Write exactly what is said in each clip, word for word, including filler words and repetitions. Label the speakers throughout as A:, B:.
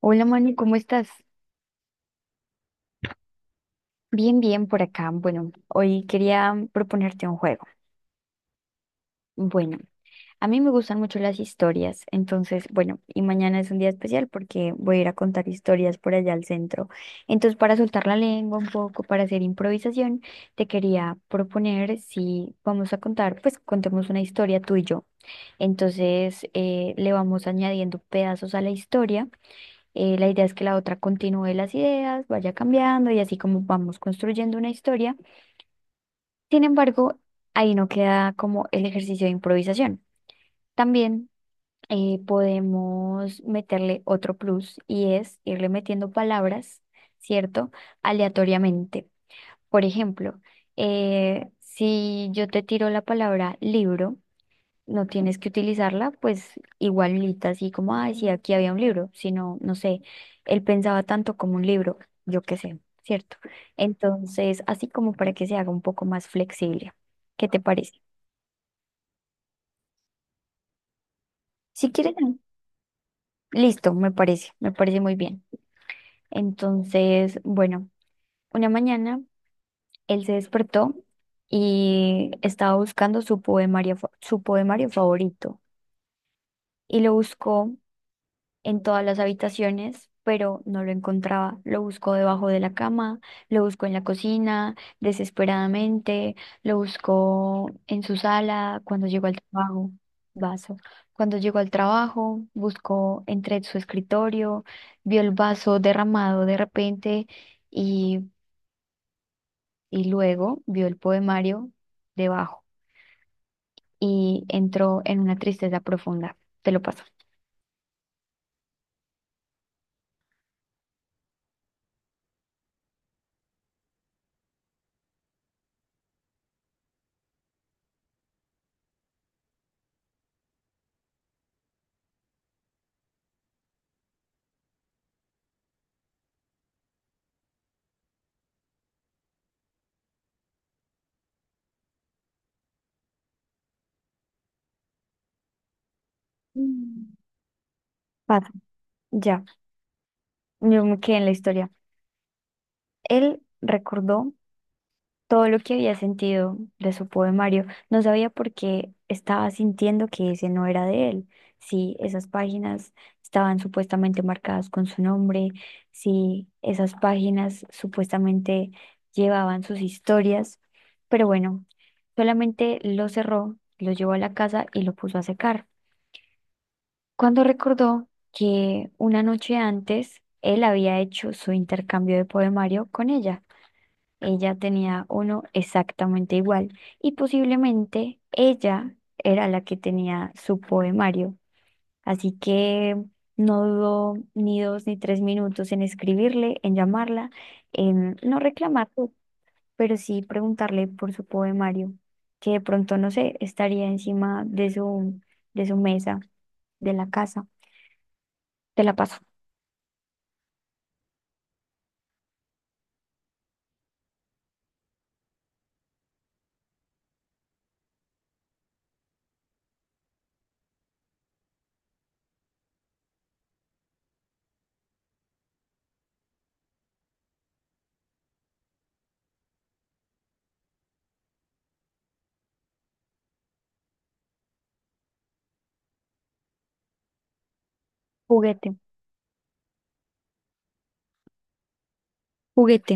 A: Hola Manu, ¿cómo estás? Bien, bien por acá. Bueno, hoy quería mm, proponerte un juego. Bueno, a mí me gustan mucho las historias, entonces, bueno, y mañana es un día especial porque voy a ir a contar historias por allá al centro. Entonces, para soltar la lengua un poco, para hacer improvisación, te quería proponer si vamos a contar, pues contemos una historia tú y yo. Entonces, eh, le vamos añadiendo pedazos a la historia. Eh, la idea es que la otra continúe las ideas, vaya cambiando y así como vamos construyendo una historia. Sin embargo, ahí no queda como el ejercicio de improvisación. También eh, podemos meterle otro plus y es irle metiendo palabras, ¿cierto? Aleatoriamente. Por ejemplo, eh, si yo te tiro la palabra libro, no tienes que utilizarla, pues igualita, así como, ay, sí, aquí había un libro, sino, no sé, él pensaba tanto como un libro, yo qué sé, ¿cierto? Entonces, así como para que se haga un poco más flexible. ¿Qué te parece? Si quieres, ah, listo, me parece, me parece muy bien. Entonces, bueno, una mañana él se despertó y estaba buscando su poemario, fa- su poemario favorito y lo buscó en todas las habitaciones, pero no lo encontraba. Lo buscó debajo de la cama, lo buscó en la cocina, desesperadamente, lo buscó en su sala cuando llegó al trabajo. Vaso. Cuando llegó al trabajo, buscó entre su escritorio, vio el vaso derramado de repente y, y luego vio el poemario debajo y entró en una tristeza profunda. Te lo paso. Mm. Paso, ya. Yo me quedé en la historia. Él recordó todo lo que había sentido de su poemario. No sabía por qué estaba sintiendo que ese no era de él. Si esas páginas estaban supuestamente marcadas con su nombre, si esas páginas supuestamente llevaban sus historias. Pero bueno, solamente lo cerró, lo llevó a la casa y lo puso a secar. Cuando recordó que una noche antes él había hecho su intercambio de poemario con ella, ella tenía uno exactamente igual y posiblemente ella era la que tenía su poemario. Así que no dudó ni dos ni tres minutos en escribirle, en llamarla, en no reclamar, pero sí preguntarle por su poemario, que de pronto, no sé, estaría encima de su, de su mesa, de la casa. Te la paso. Juguete, juguete.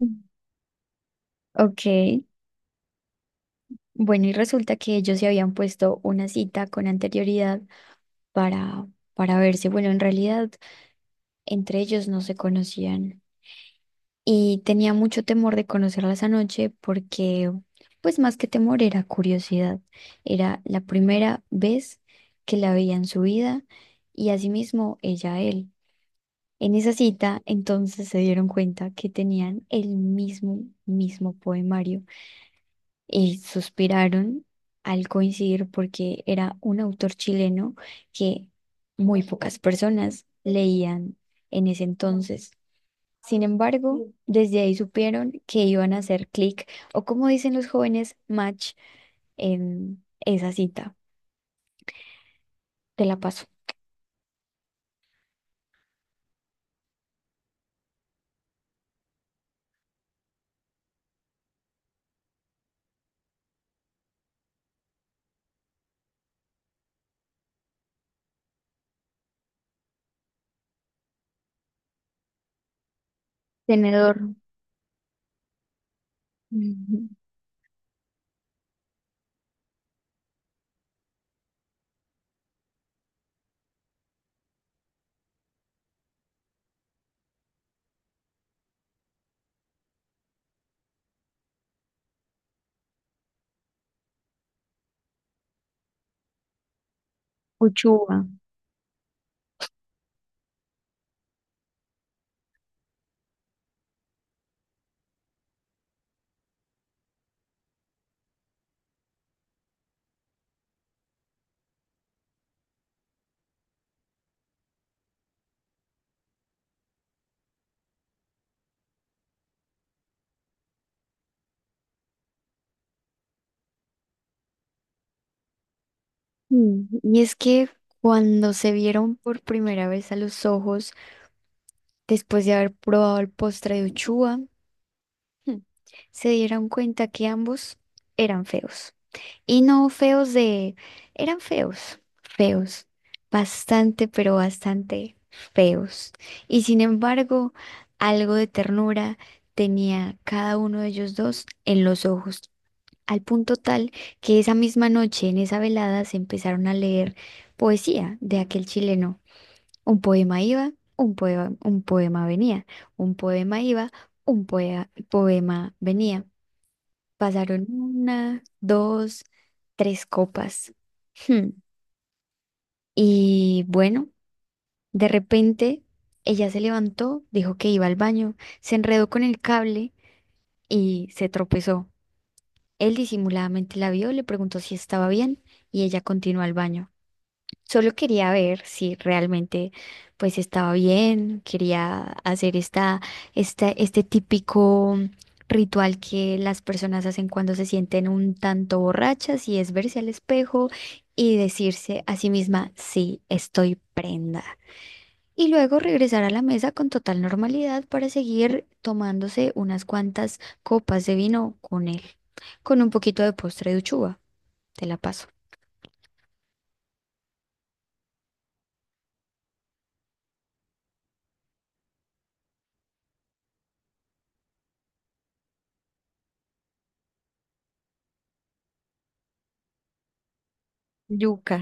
A: Mm. Ok. Bueno, y resulta que ellos se habían puesto una cita con anterioridad para, para verse. Bueno, en realidad entre ellos no se conocían y tenía mucho temor de conocerla esa noche porque, pues más que temor, era curiosidad. Era la primera vez que la veía en su vida y asimismo ella a él. En esa cita, entonces se dieron cuenta que tenían el mismo, mismo poemario. Y suspiraron al coincidir porque era un autor chileno que muy pocas personas leían en ese entonces. Sin embargo, desde ahí supieron que iban a hacer clic o como dicen los jóvenes, match en esa cita. Te la paso. Tenedor. Ujú. Uchuva. Mm, y es que cuando se vieron por primera vez a los ojos, después de haber probado el postre de Uchuva, Hmm, se dieron cuenta que ambos eran feos. Y no feos de... eran feos, feos, bastante, pero bastante feos. Y sin embargo, algo de ternura tenía cada uno de ellos dos en los ojos, al punto tal que esa misma noche, en esa velada, se empezaron a leer poesía de aquel chileno. Un poema iba, un poema, un poema venía, un poema iba, un poe- poema venía. Pasaron una, dos, tres copas. Hmm. Y bueno, de repente ella se levantó, dijo que iba al baño, se enredó con el cable y se tropezó. Él disimuladamente la vio, le preguntó si estaba bien y ella continuó al baño. Solo quería ver si realmente pues estaba bien, quería hacer esta, esta, este típico ritual que las personas hacen cuando se sienten un tanto borrachas y es verse al espejo y decirse a sí misma, sí, estoy prenda. Y luego regresar a la mesa con total normalidad para seguir tomándose unas cuantas copas de vino con él, con un poquito de postre de uchuva. Te la paso. Yuca.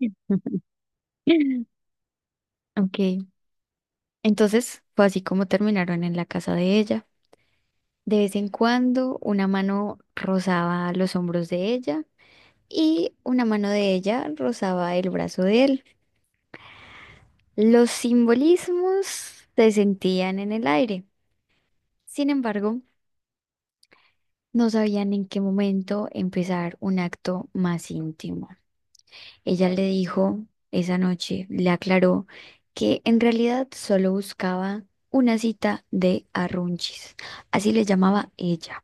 A: Ok, entonces fue así como terminaron en la casa de ella. De vez en cuando una mano rozaba los hombros de ella y una mano de ella rozaba el brazo de él. Los simbolismos se sentían en el aire. Sin embargo, no sabían en qué momento empezar un acto más íntimo. Ella le dijo esa noche, le aclaró que en realidad solo buscaba una cita de arrunchis, así le llamaba ella.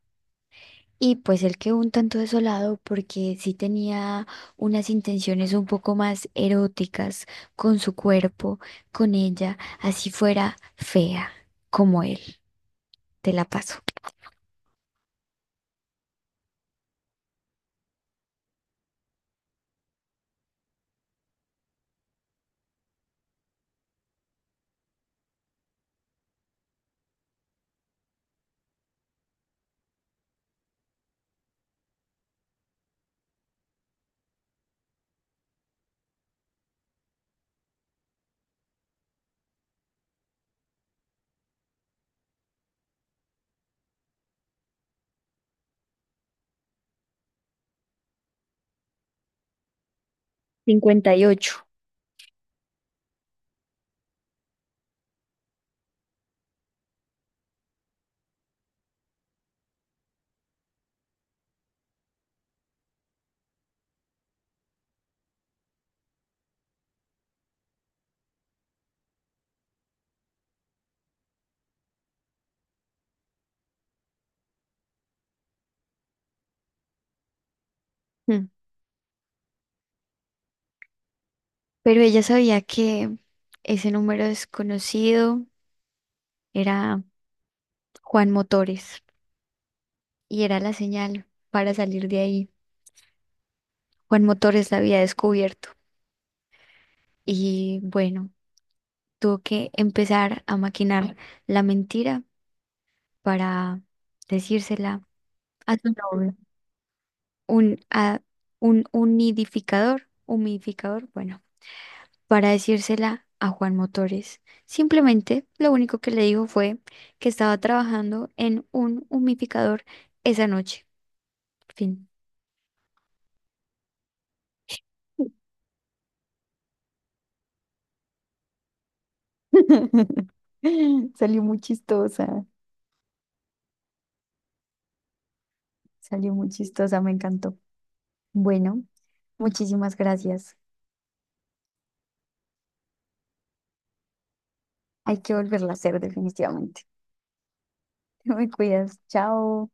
A: Y pues él quedó un tanto desolado porque sí tenía unas intenciones un poco más eróticas con su cuerpo, con ella, así fuera fea como él. Te la paso. cincuenta y ocho. Mm. Pero ella sabía que ese número desconocido era Juan Motores. Y era la señal para salir de ahí. Juan Motores la había descubierto y bueno, tuvo que empezar a maquinar la mentira para decírsela a su novio, un, a, un unidificador, humidificador, bueno, para decírsela a Juan Motores. Simplemente lo único que le dijo fue que estaba trabajando en un humidificador esa noche. Fin. Salió muy chistosa. Salió muy chistosa, me encantó. Bueno, muchísimas gracias. Hay que volverla a hacer definitivamente. Te me cuidas. Chao.